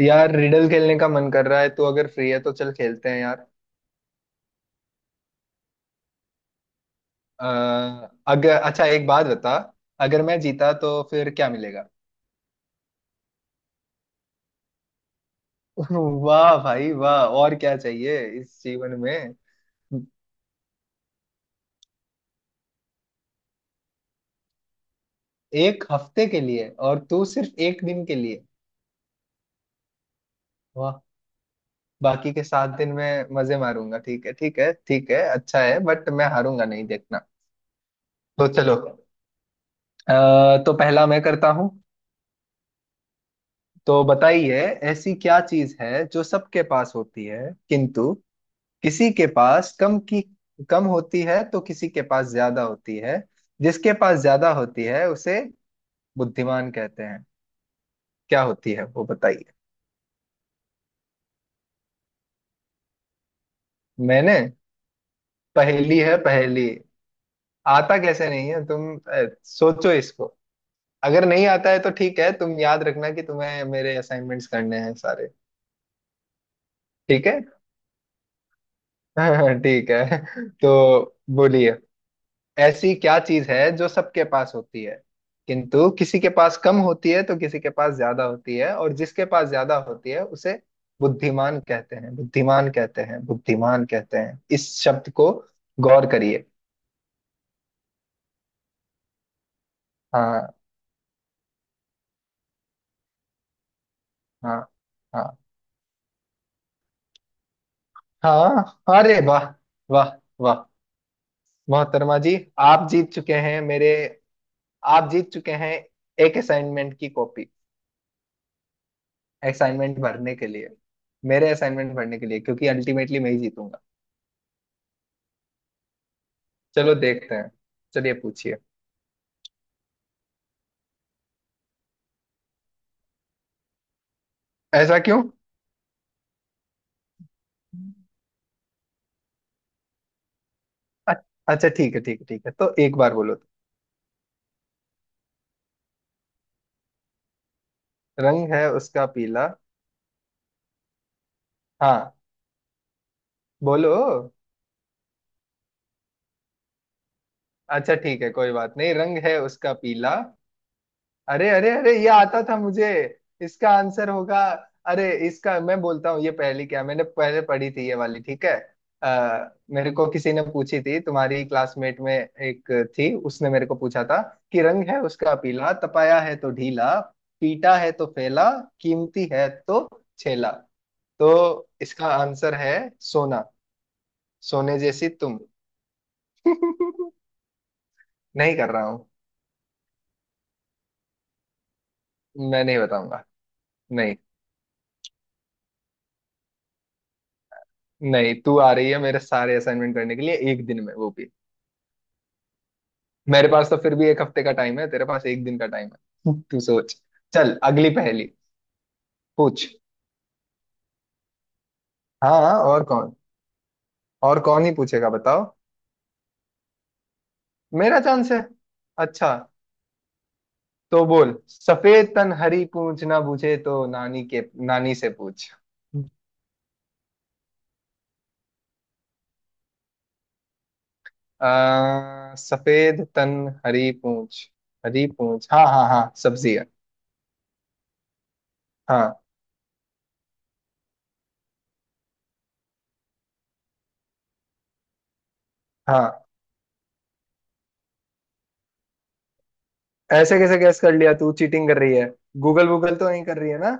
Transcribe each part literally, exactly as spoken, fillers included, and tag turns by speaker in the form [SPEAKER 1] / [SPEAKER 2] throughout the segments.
[SPEAKER 1] यार रिडल खेलने का मन कर रहा है, तो अगर फ्री है तो चल खेलते हैं यार। आ, अगर अच्छा, एक बात बता। अगर मैं जीता तो फिर क्या मिलेगा? वाह भाई वाह! और क्या चाहिए इस जीवन में। एक हफ्ते के लिए, और तू सिर्फ एक दिन के लिए? वाह! बाकी के सात दिन में मजे मारूंगा। ठीक है, ठीक है, ठीक है, अच्छा है। बट मैं हारूंगा नहीं, देखना। तो चलो। आ, तो पहला मैं करता हूँ। तो बताइए, ऐसी क्या चीज है जो सबके पास होती है, किंतु किसी के पास कम की कम होती है तो किसी के पास ज्यादा होती है। जिसके पास ज्यादा होती है उसे बुद्धिमान कहते हैं। क्या होती है वो, बताइए। मैंने, पहेली है पहेली। आता कैसे नहीं है? तुम अ, सोचो इसको। अगर नहीं आता है तो ठीक है, तुम याद रखना कि तुम्हें मेरे असाइनमेंट्स करने हैं सारे। ठीक है। ठीक है। तो बोलिए, ऐसी क्या चीज है जो सबके पास होती है, किंतु किसी के पास कम होती है तो किसी के पास ज्यादा होती है, और जिसके पास ज्यादा होती है उसे बुद्धिमान कहते हैं, बुद्धिमान कहते हैं, बुद्धिमान कहते हैं। इस शब्द को गौर करिए। हाँ। हाँ। हाँ। हाँ, अरे वाह! वाह! वाह! मोहतरमा जी, आप जीत चुके हैं मेरे। आप जीत चुके हैं एक असाइनमेंट की कॉपी, असाइनमेंट भरने के लिए, मेरे असाइनमेंट भरने के लिए, क्योंकि अल्टीमेटली मैं ही जीतूंगा। चलो देखते हैं। चलिए पूछिए। ऐसा क्यों? अ- अच्छा ठीक है, ठीक है, ठीक है, तो एक बार बोलो तो। रंग है उसका पीला। हाँ, बोलो। अच्छा ठीक है, कोई बात नहीं। रंग है उसका पीला। अरे अरे अरे, ये आता था मुझे! इसका आंसर होगा, अरे इसका मैं बोलता हूँ, ये पहली क्या मैंने पहले पढ़ी थी ये वाली, ठीक है। आ, मेरे को किसी ने पूछी थी, तुम्हारी क्लासमेट में एक थी, उसने मेरे को पूछा था कि रंग है उसका पीला, तपाया है तो ढीला, पीटा है तो फैला, कीमती है तो छेला। तो इसका आंसर है सोना। सोने जैसी तुम। नहीं कर रहा हूँ। मैं नहीं बताऊंगा। नहीं, नहीं तू आ रही है मेरे सारे असाइनमेंट करने के लिए एक दिन में, वो भी। मेरे पास तो फिर भी एक हफ्ते का टाइम है, तेरे पास एक दिन का टाइम है। तू सोच। चल अगली पहेली। पूछ। हाँ हाँ, और कौन? और कौन ही पूछेगा बताओ? मेरा चांस है। अच्छा, तो बोल। सफेद तन हरी पूछ, ना बूझे तो नानी के, नानी से पूछ। आ, सफेद तन हरी पूछ, हरी पूछ। हाँ हाँ हाँ, सब्जी है। हाँ। हाँ, ऐसे कैसे गैस कर लिया? तू चीटिंग कर रही है। गूगल, गूगल तो नहीं कर रही है ना?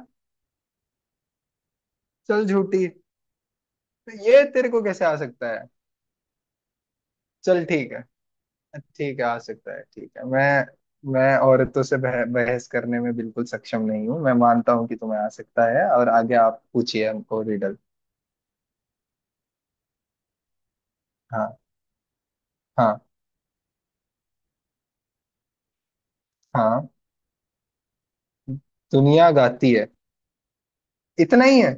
[SPEAKER 1] चल झूठी, तो ये तेरे को कैसे आ सकता है? चल ठीक है, ठीक है आ सकता है, ठीक है। मैं मैं औरतों से बह, बहस करने में बिल्कुल सक्षम नहीं हूँ। मैं मानता हूँ कि तुम्हें आ सकता है। और आगे आप पूछिए हमको रिडल। हाँ। हाँ। हाँ, दुनिया गाती है। इतना ही है?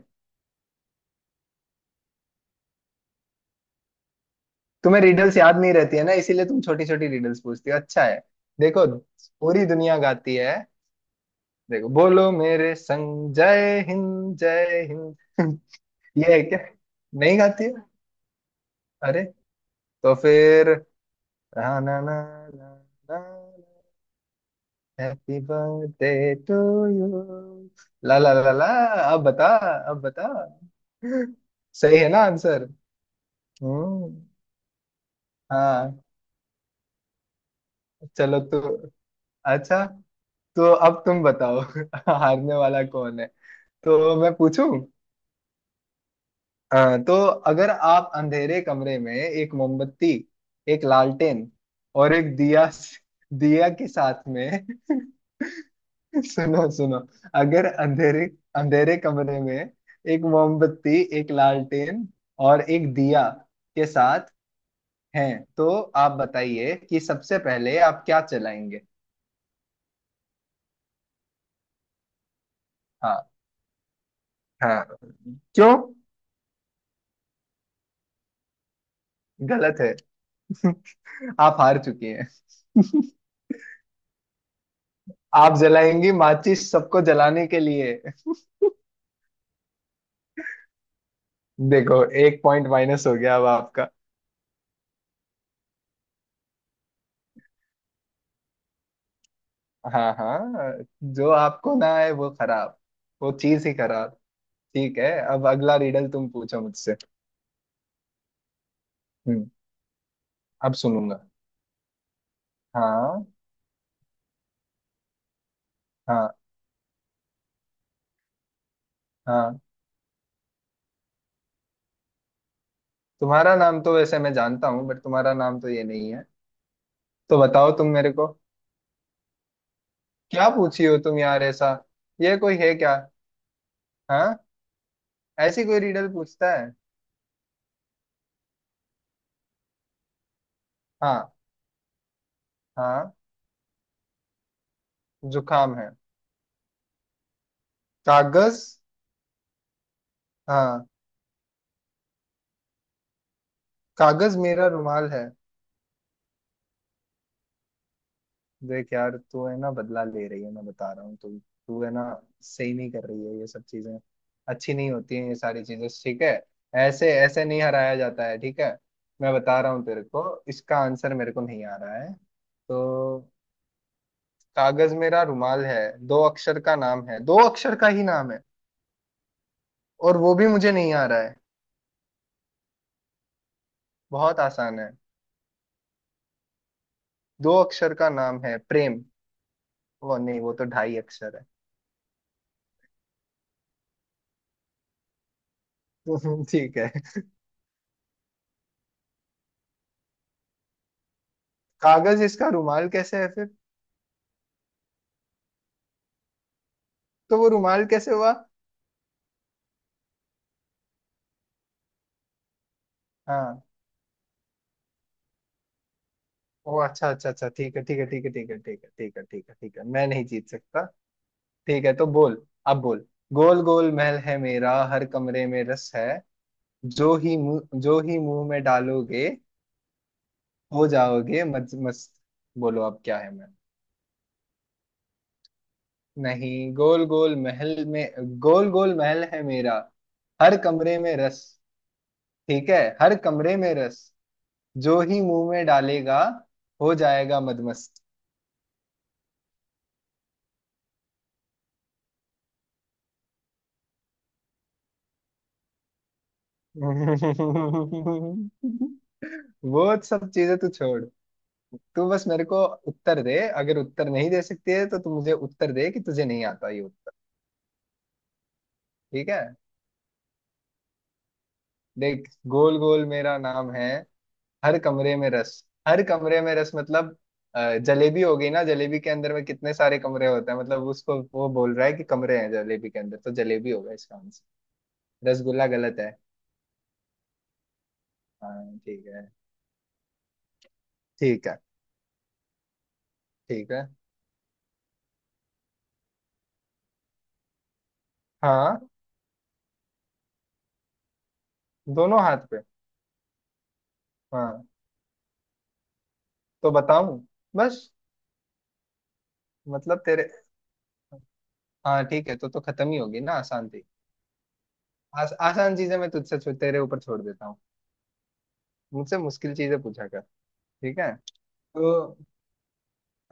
[SPEAKER 1] तुम्हें रिडल्स याद नहीं रहती है ना, इसीलिए तुम छोटी छोटी रिडल्स पूछती हो, अच्छा है। देखो, पूरी दुनिया गाती है। देखो, बोलो मेरे संग, जय हिंद, जय हिंद। ये है क्या? नहीं गाती है? अरे! तो फिर, ना ना ना, ना, हैप्पी बर्थडे टू यू, ला ला ला ला। अब बता। अब बता, सही है ना आंसर? हम्म। हाँ, चलो। तो अच्छा, तो अब तुम बताओ हारने वाला कौन है। तो मैं पूछूं? हाँ तो, अगर आप अंधेरे कमरे में एक मोमबत्ती, एक लालटेन और एक दिया, दिया के साथ में सुनो सुनो। अगर अंधेरे, अंधेरे कमरे में एक मोमबत्ती, एक लालटेन और एक दिया के साथ हैं, तो आप बताइए कि सबसे पहले आप क्या चलाएंगे? हाँ। हाँ, क्यों? गलत है। आप हार चुकी हैं। आप जलाएंगी माचिस, सबको जलाने के लिए। देखो, एक पॉइंट माइनस हो गया अब आपका। हाँ हाँ, जो आपको ना आए वो खराब, वो चीज ही खराब। ठीक है, अब अगला रिडल तुम पूछो मुझसे। हम्म। अब सुनूंगा, हाँ। हाँ। हाँ, तुम्हारा नाम तो वैसे मैं जानता हूँ, बट तुम्हारा नाम तो ये नहीं है। तो बताओ तुम मेरे को। क्या पूछी हो तुम यार ऐसा? ये कोई है क्या? हाँ। ऐसी कोई रिडल पूछता है? हाँ। हाँ, जुकाम है। कागज। हाँ। कागज मेरा रुमाल है। देख यार, तू है ना बदला ले रही है, मैं बता रहा हूँ। तू, तू है ना सही नहीं कर रही है ये सब चीजें। अच्छी नहीं होती हैं ये सारी चीजें, ठीक है। ऐसे ऐसे नहीं हराया जाता है, ठीक है। मैं बता रहा हूँ तेरे को, इसका आंसर मेरे को नहीं आ रहा है, तो कागज मेरा रुमाल है, दो अक्षर का नाम है, दो अक्षर का ही नाम है, और वो भी मुझे नहीं आ रहा है। बहुत आसान है। दो अक्षर का नाम है, प्रेम। वो नहीं, वो तो ढाई अक्षर है। ठीक है। कागज इसका रुमाल कैसे है फिर? तो वो रुमाल कैसे हुआ? हाँ, ओ अच्छा अच्छा अच्छा, ठीक है ठीक है ठीक है ठीक है ठीक है ठीक है ठीक है ठीक है, मैं नहीं जीत सकता। ठीक है, तो बोल। अब बोल, गोल गोल महल है मेरा, हर कमरे में रस है, जो ही मुंह, जो ही मुंह में डालोगे, हो जाओगे मज मस्त। बोलो अब क्या है? मैं, नहीं, गोल गोल महल में, गोल गोल महल है मेरा, हर कमरे में रस। ठीक है, हर कमरे में रस, जो ही मुंह में डालेगा हो जाएगा मदमस्त। वो सब चीजें तू छोड़, तू बस मेरे को उत्तर दे। अगर उत्तर नहीं दे सकती है तो तू मुझे उत्तर दे कि तुझे नहीं आता ये उत्तर। ठीक है, देख, गोल गोल मेरा नाम है, हर कमरे में रस, हर कमरे में रस मतलब अ, जलेबी हो गई ना, जलेबी के अंदर में कितने सारे कमरे होते हैं, मतलब उसको वो बोल रहा है कि कमरे हैं जलेबी के अंदर, तो जलेबी होगा इसका आंसर। रसगुल्ला गलत है। हाँ ठीक है, ठीक है, ठीक है। हाँ, दोनों हाथ पे। हाँ, तो बताऊं? बस? मतलब तेरे, हाँ ठीक है, तो तो खत्म ही होगी ना, आसान थी। आस, आसान चीजें मैं तुझसे छो- तेरे ऊपर छोड़ देता हूँ, मुझसे मुश्किल चीजें पूछा कर। ठीक है, तो,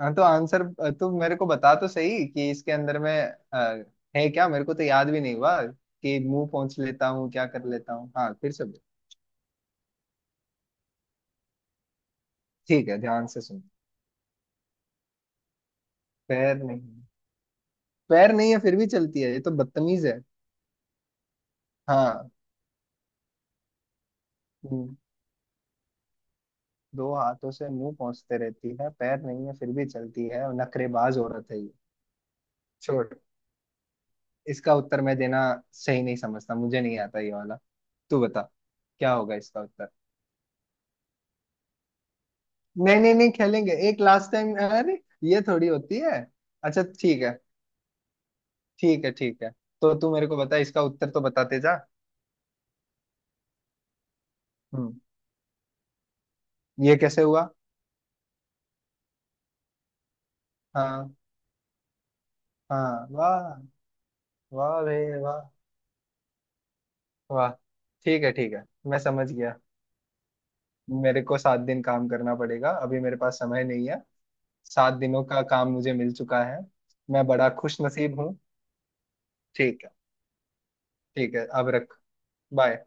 [SPEAKER 1] हाँ तो आंसर, तू मेरे को बता तो सही कि इसके अंदर में अ, है क्या? मेरे को तो याद भी नहीं हुआ कि मुंह पहुंच लेता हूँ क्या कर लेता हूँ, हाँ, फिर से बोल। ठीक है, ध्यान से सुन। पैर नहीं, पैर नहीं है फिर भी चलती है, ये तो बदतमीज है। हाँ। हम्म, दो हाथों से मुंह पहुंचते रहती है, पैर नहीं है फिर भी चलती है, नखरेबाज औरत है ये। छोड़, इसका उत्तर मैं देना सही नहीं समझता, मुझे नहीं आता ये वाला, तू बता क्या होगा इसका उत्तर। नहीं नहीं नहीं, खेलेंगे एक लास्ट टाइम, अरे ये थोड़ी होती है। अच्छा ठीक है, ठीक है ठीक है। तो तू मेरे को बता इसका उत्तर तो बताते जा। हम्म, ये कैसे हुआ? हाँ। हाँ वाह। वाह रे, वाह, वाह। ठीक है ठीक है, मैं समझ गया, मेरे को सात दिन काम करना पड़ेगा, अभी मेरे पास समय नहीं है। सात दिनों का काम मुझे मिल चुका है। मैं बड़ा खुश नसीब हूँ। ठीक है। ठीक है, अब रख। बाय।